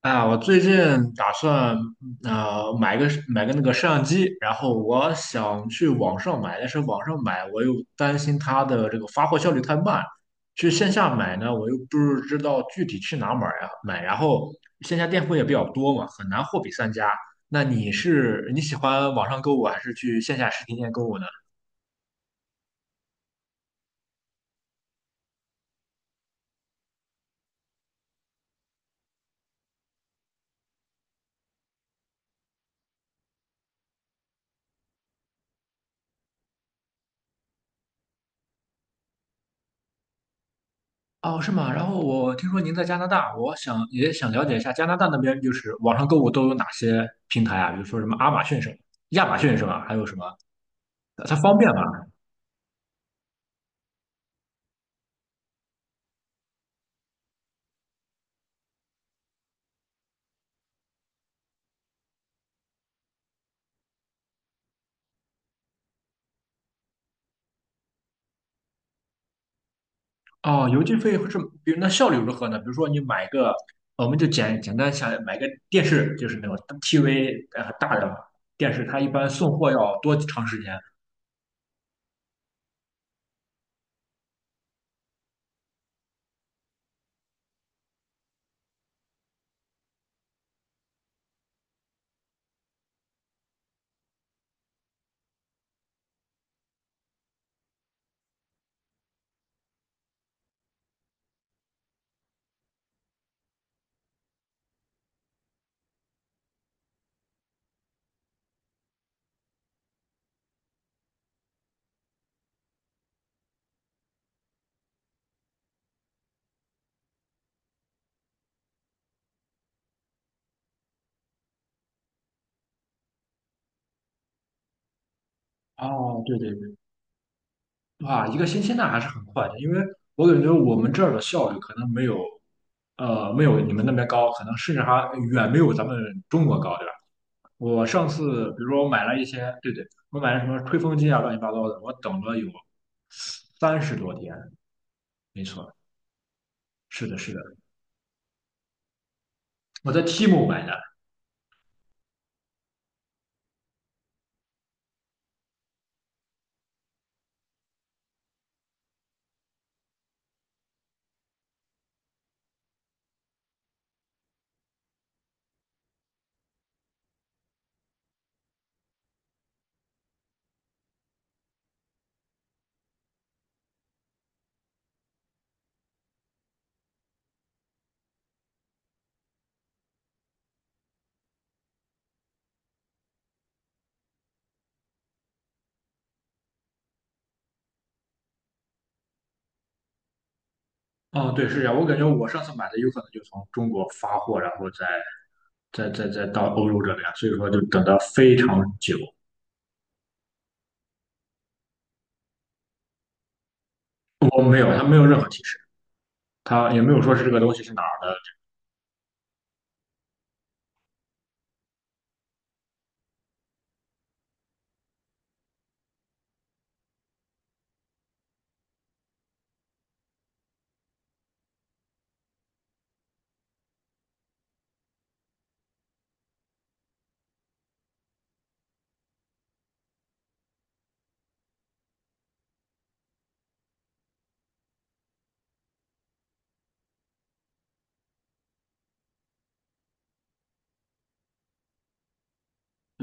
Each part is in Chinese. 啊，我最近打算买个那个摄像机，然后我想去网上买，但是网上买我又担心它的这个发货效率太慢，去线下买呢，我又不是知道具体去哪买呀买，然后线下店铺也比较多嘛，很难货比三家。那你喜欢网上购物还是去线下实体店购物呢？哦，是吗？然后我听说您在加拿大，我想了解一下加拿大那边就是网上购物都有哪些平台啊？比如说什么亚马逊什么，亚马逊是吧？还有什么？它方便吗？哦，邮寄费是，比如那效率如何呢？比如说你买个，我们就简单想买个电视，就是那种 TV 大的电视，它一般送货要多长时间？哦，对对对。哇，一个星期那还是很快的，因为我感觉我们这儿的效率可能没有，没有你们那边高，可能甚至还远没有咱们中国高，对吧？我上次比如说我买了一些，对对，我买了什么吹风机啊，乱七八糟的，我等了有三十多天，没错，是的，是的，我在 TMA 买的。哦，对，是这样，我感觉我上次买的有可能就从中国发货，然后再再到欧洲这边，所以说就等得非常久。我没有，他没有任何提示，他也没有说是这个东西是哪儿的。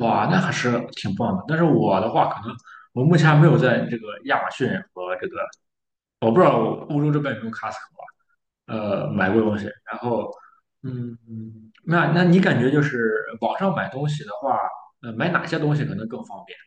哇，那还是挺棒的。但是我的话，可能我目前还没有在这个亚马逊和这个，我不知道欧洲这边有没有 Costco 啊买过东西。然后，嗯，那你感觉就是网上买东西的话，买哪些东西可能更方便？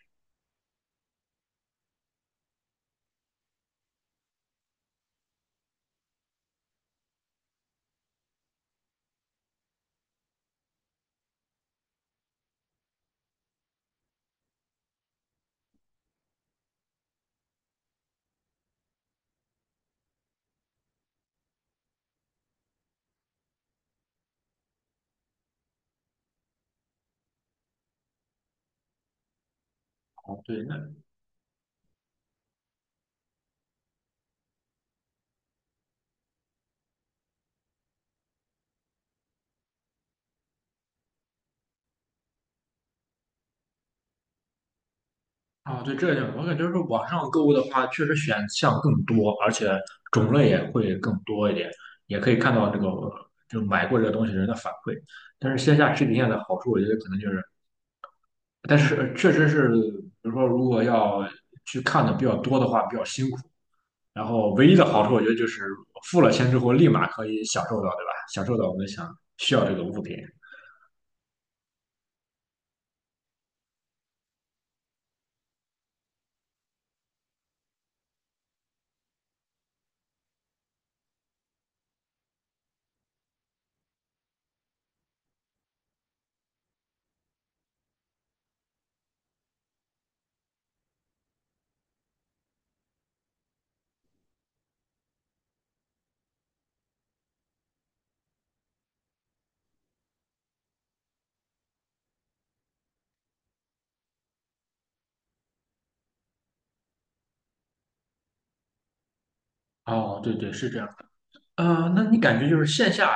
哦，对，那啊，对，这一点我感觉是网上购物的话，确实选项更多，而且种类也会更多一点，也可以看到这个就买过这个东西人的反馈。但是线下实体店的好处，我觉得可能就是。但是确实是，比如说如果要去看的比较多的话，比较辛苦。然后唯一的好处，我觉得就是付了钱之后立马可以享受到，对吧？享受到我们想需要这个物品。哦，对对，是这样。那你感觉就是线下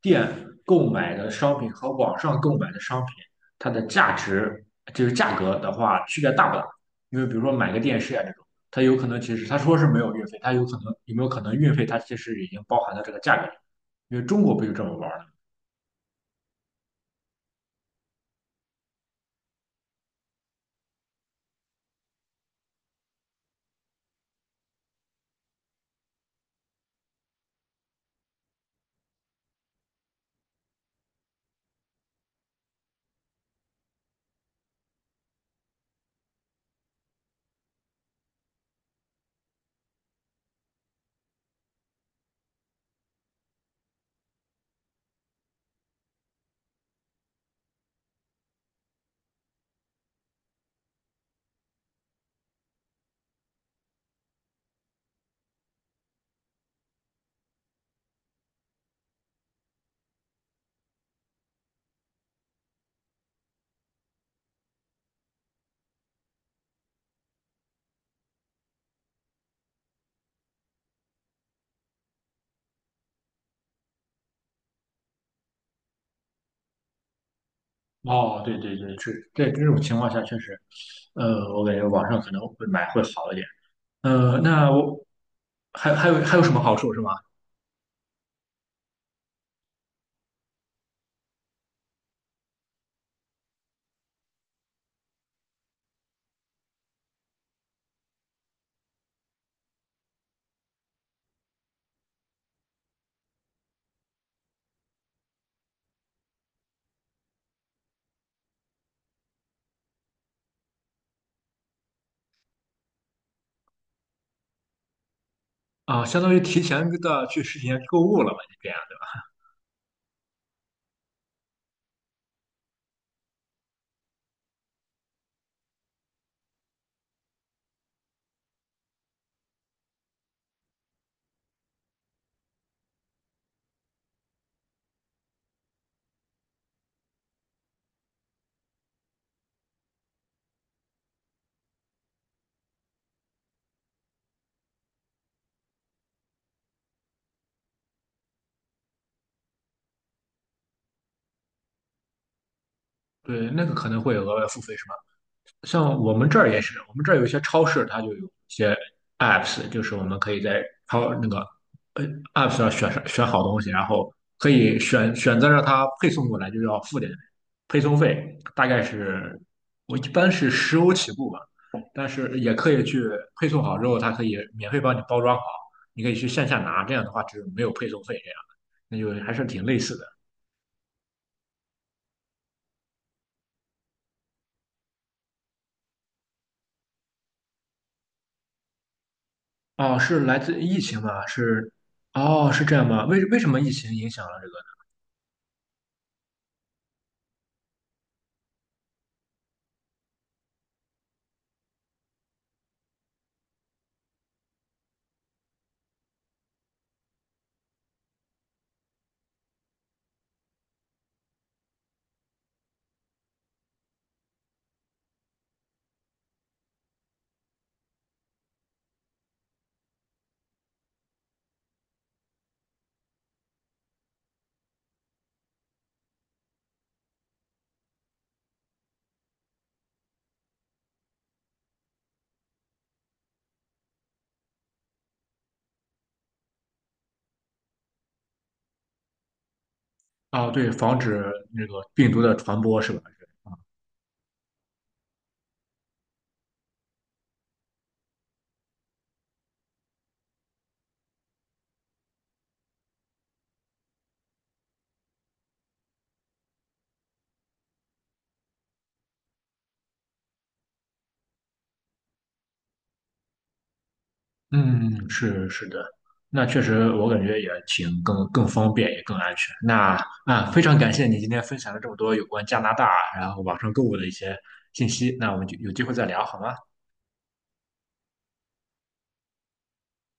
店购买的商品和网上购买的商品，它的价值就是价格的话，区别大不大？因为比如说买个电视啊这种，它有可能其实他说是没有运费，它有可能有没有可能运费它其实已经包含到这个价格里？因为中国不就这么玩儿的？哦，对对对，是在这种情况下确实，我感觉网上可能会买会好一点。呃，那我还有还有什么好处是吗？啊、相当于提前的去实体店购物了吧？这样。对，那个可能会有额外付费是吧？像我们这儿也是，我们这儿有一些超市，它就有一些 apps，就是我们可以在超那个呃 app 上选好东西，然后可以选择让它配送过来，就要付点配送费，大概是我一般是10欧起步吧，但是也可以去配送好之后，它可以免费帮你包装好，你可以去线下拿，这样的话就是没有配送费，这样那就还是挺类似的。哦，是来自疫情吗？是，哦，是这样吗？为什么疫情影响了这个？哦，对，防止那个病毒的传播是吧？嗯，是是的，那确实我感觉也更方便，也更安全。那啊，非常感谢你今天分享了这么多有关加拿大，然后网上购物的一些信息。那我们就有机会再聊好吗？